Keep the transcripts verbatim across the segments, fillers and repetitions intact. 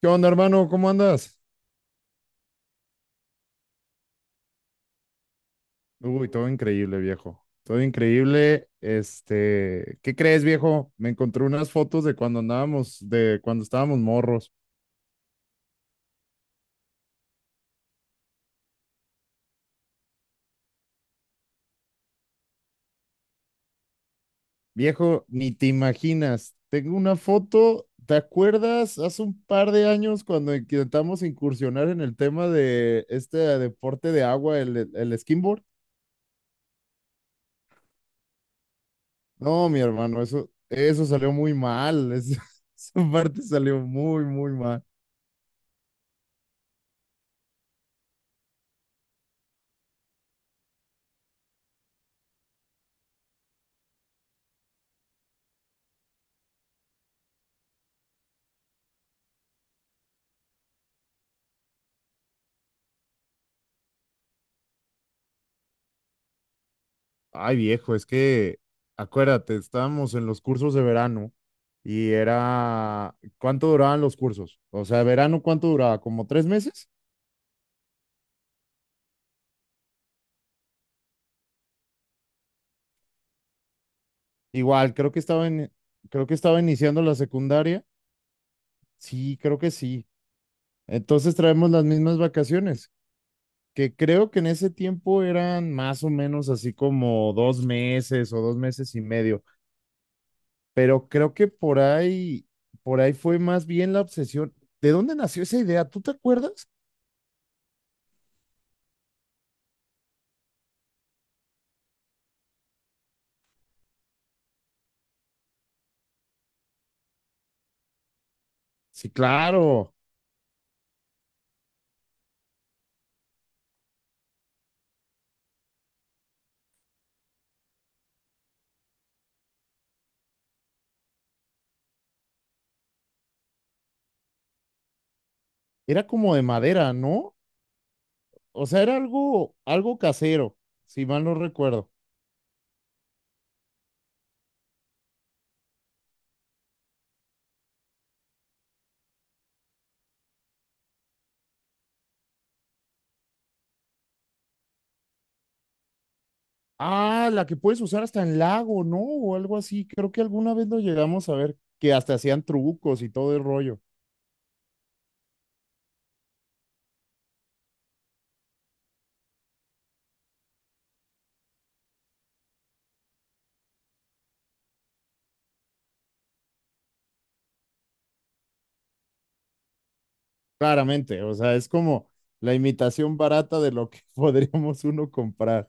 ¿Qué onda, hermano? ¿Cómo andas? Uy, todo increíble, viejo. Todo increíble. Este, ¿qué crees, viejo? Me encontré unas fotos de cuando andábamos, de cuando estábamos morros. Viejo, ni te imaginas. Tengo una foto, ¿te acuerdas? Hace un par de años cuando intentamos incursionar en el tema de este deporte de agua, el, el skimboard. No, mi hermano, eso, eso salió muy mal. Es- esa parte salió muy, muy mal. Ay, viejo, es que acuérdate, estábamos en los cursos de verano y era, ¿cuánto duraban los cursos? O sea, verano, ¿cuánto duraba? ¿Como tres meses? Igual, creo que estaba en, creo que estaba iniciando la secundaria. Sí, creo que sí. Entonces traemos las mismas vacaciones, que creo que en ese tiempo eran más o menos así como dos meses o dos meses y medio, pero creo que por ahí, por ahí fue más bien la obsesión. ¿De dónde nació esa idea? ¿Tú te acuerdas? Sí, claro. Era como de madera, ¿no? O sea, era algo, algo casero, si mal no recuerdo. Ah, la que puedes usar hasta en lago, ¿no? O algo así. Creo que alguna vez lo llegamos a ver, que hasta hacían trucos y todo el rollo. Claramente, o sea, es como la imitación barata de lo que podríamos uno comprar.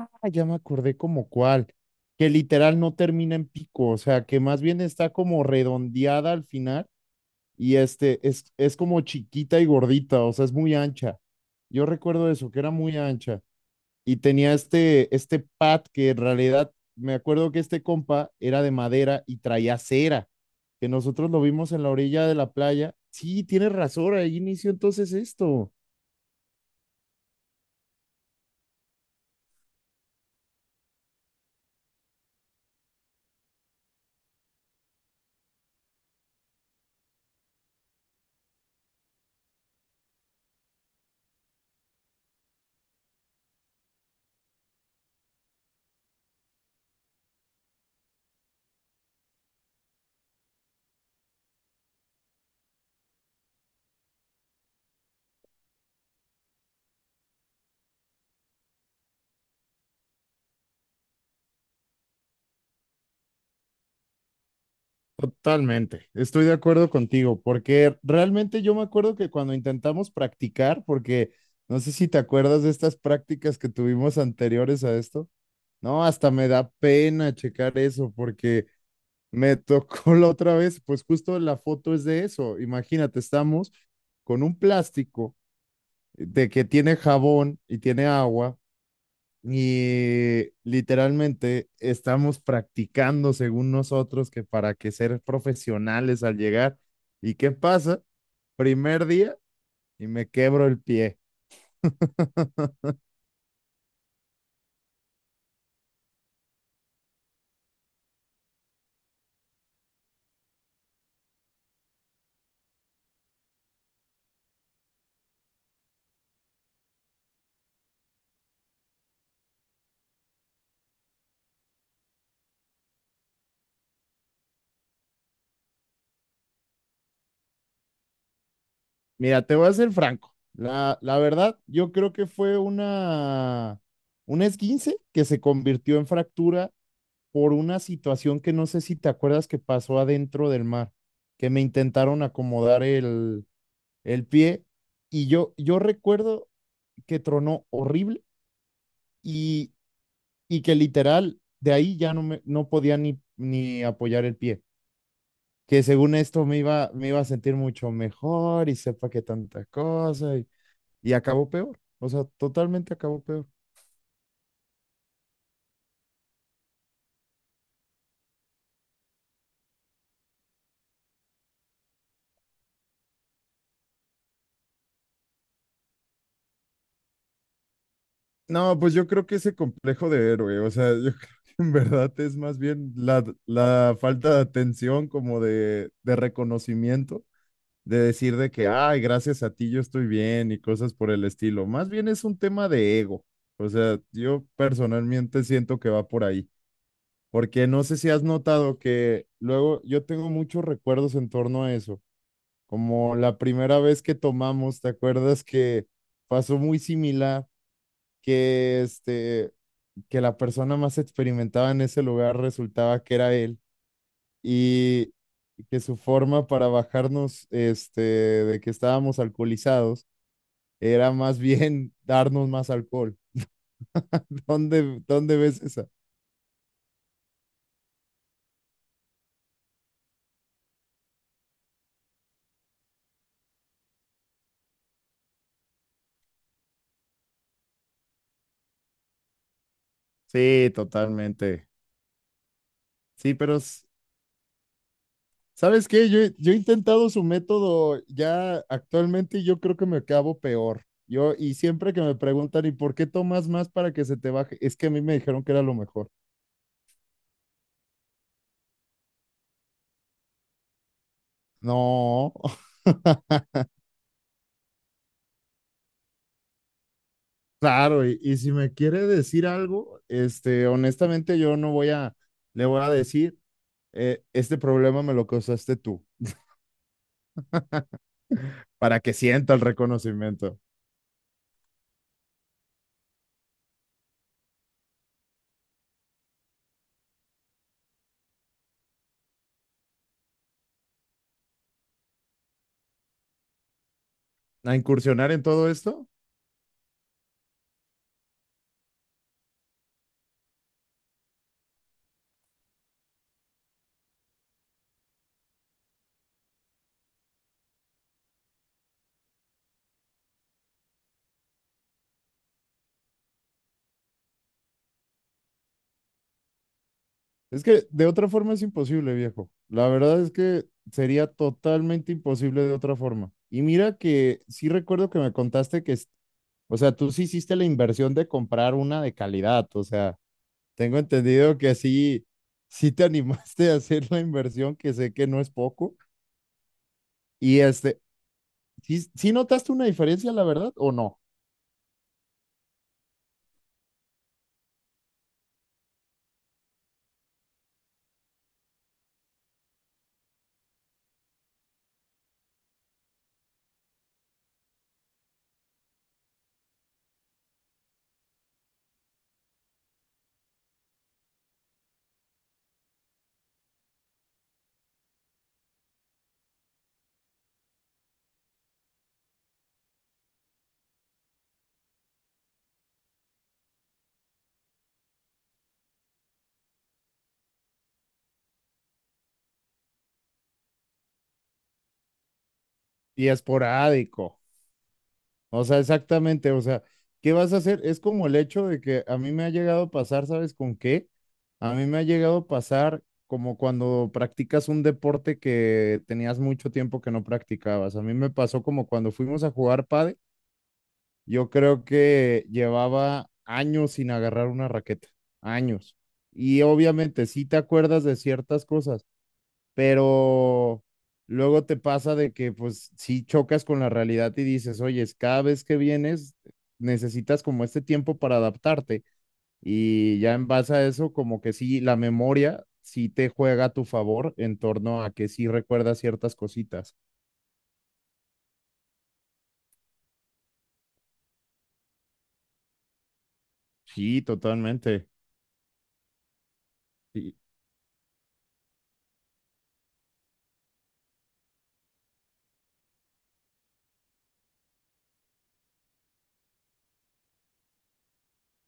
Ah, ya me acordé como cuál, que literal no termina en pico, o sea, que más bien está como redondeada al final y este es, es como chiquita y gordita, o sea, es muy ancha. Yo recuerdo eso, que era muy ancha y tenía este, este pad que en realidad me acuerdo que este compa era de madera y traía cera, que nosotros lo vimos en la orilla de la playa. Sí, tienes razón, ahí inició entonces esto. Totalmente, estoy de acuerdo contigo, porque realmente yo me acuerdo que cuando intentamos practicar, porque no sé si te acuerdas de estas prácticas que tuvimos anteriores a esto. No, hasta me da pena checar eso porque me tocó la otra vez, pues justo la foto es de eso. Imagínate, estamos con un plástico de que tiene jabón y tiene agua y literalmente estamos practicando según nosotros que para que ser profesionales al llegar. ¿Y qué pasa? Primer día y me quebro el pie. Mira, te voy a ser franco. La, la verdad, yo creo que fue una, una esguince que se convirtió en fractura por una situación que no sé si te acuerdas que pasó adentro del mar, que me intentaron acomodar el, el pie y yo, yo recuerdo que tronó horrible y, y que literal de ahí ya no, me, no podía ni, ni apoyar el pie, que según esto me iba, me iba a sentir mucho mejor y sepa que tanta cosa y acabó peor, o sea, totalmente acabó peor. No, pues yo creo que ese complejo de héroe, o sea, yo creo que en verdad es más bien la, la falta de atención, como de, de reconocimiento, de decir de que, ay, gracias a ti yo estoy bien y cosas por el estilo. Más bien es un tema de ego, o sea, yo personalmente siento que va por ahí, porque no sé si has notado que luego yo tengo muchos recuerdos en torno a eso como la primera vez que tomamos, ¿te acuerdas que pasó muy similar? Que este, que la persona más experimentada en ese lugar resultaba que era él y que su forma para bajarnos, este, de que estábamos alcoholizados, era más bien darnos más alcohol. ¿Dónde, dónde ves esa? Sí, totalmente. Sí, pero s- ¿Sabes qué? Yo, he- yo he intentado su método ya actualmente y yo creo que me acabo peor. Yo, y siempre que me preguntan, ¿y por qué tomas más para que se te baje? Es que a mí me dijeron que era lo mejor. No. Claro, y, y si me quiere decir algo, este, honestamente yo no voy a, le voy a decir, eh, este problema me lo causaste tú, para que sienta el reconocimiento. ¿A incursionar en todo esto? Es que de otra forma es imposible, viejo. La verdad es que sería totalmente imposible de otra forma. Y mira que, sí recuerdo que me contaste que, es- o sea, tú sí hiciste la inversión de comprar una de calidad. O sea, tengo entendido que sí, sí te animaste a hacer la inversión, que sé que no es poco. Y este, ¿sí, sí notaste una diferencia, la verdad, o no? Y esporádico. O sea, exactamente, o sea, ¿qué vas a hacer? Es como el hecho de que a mí me ha llegado a pasar, ¿sabes con qué? A mí me ha llegado a pasar como cuando practicas un deporte que tenías mucho tiempo que no practicabas. A mí me pasó como cuando fuimos a jugar pádel, yo creo que llevaba años sin agarrar una raqueta, años. Y obviamente sí te acuerdas de ciertas cosas, pero luego te pasa de que pues sí chocas con la realidad y dices, oye, cada vez que vienes necesitas como este tiempo para adaptarte y ya en base a eso como que sí, la memoria sí te juega a tu favor en torno a que sí recuerdas ciertas cositas. Sí, totalmente.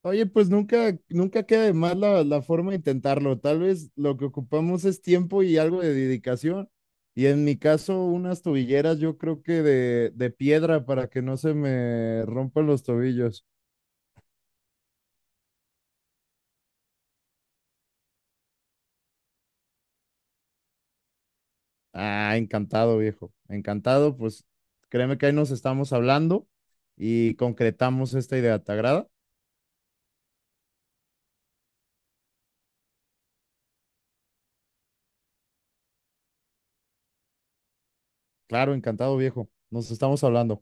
Oye, pues nunca, nunca queda de más la, la forma de intentarlo. Tal vez lo que ocupamos es tiempo y algo de dedicación. Y en mi caso, unas tobilleras, yo creo que de, de piedra para que no se me rompan los tobillos. Ah, encantado, viejo. Encantado, pues créeme que ahí nos estamos hablando y concretamos esta idea. ¿Te agrada? Claro, encantado, viejo. Nos estamos hablando.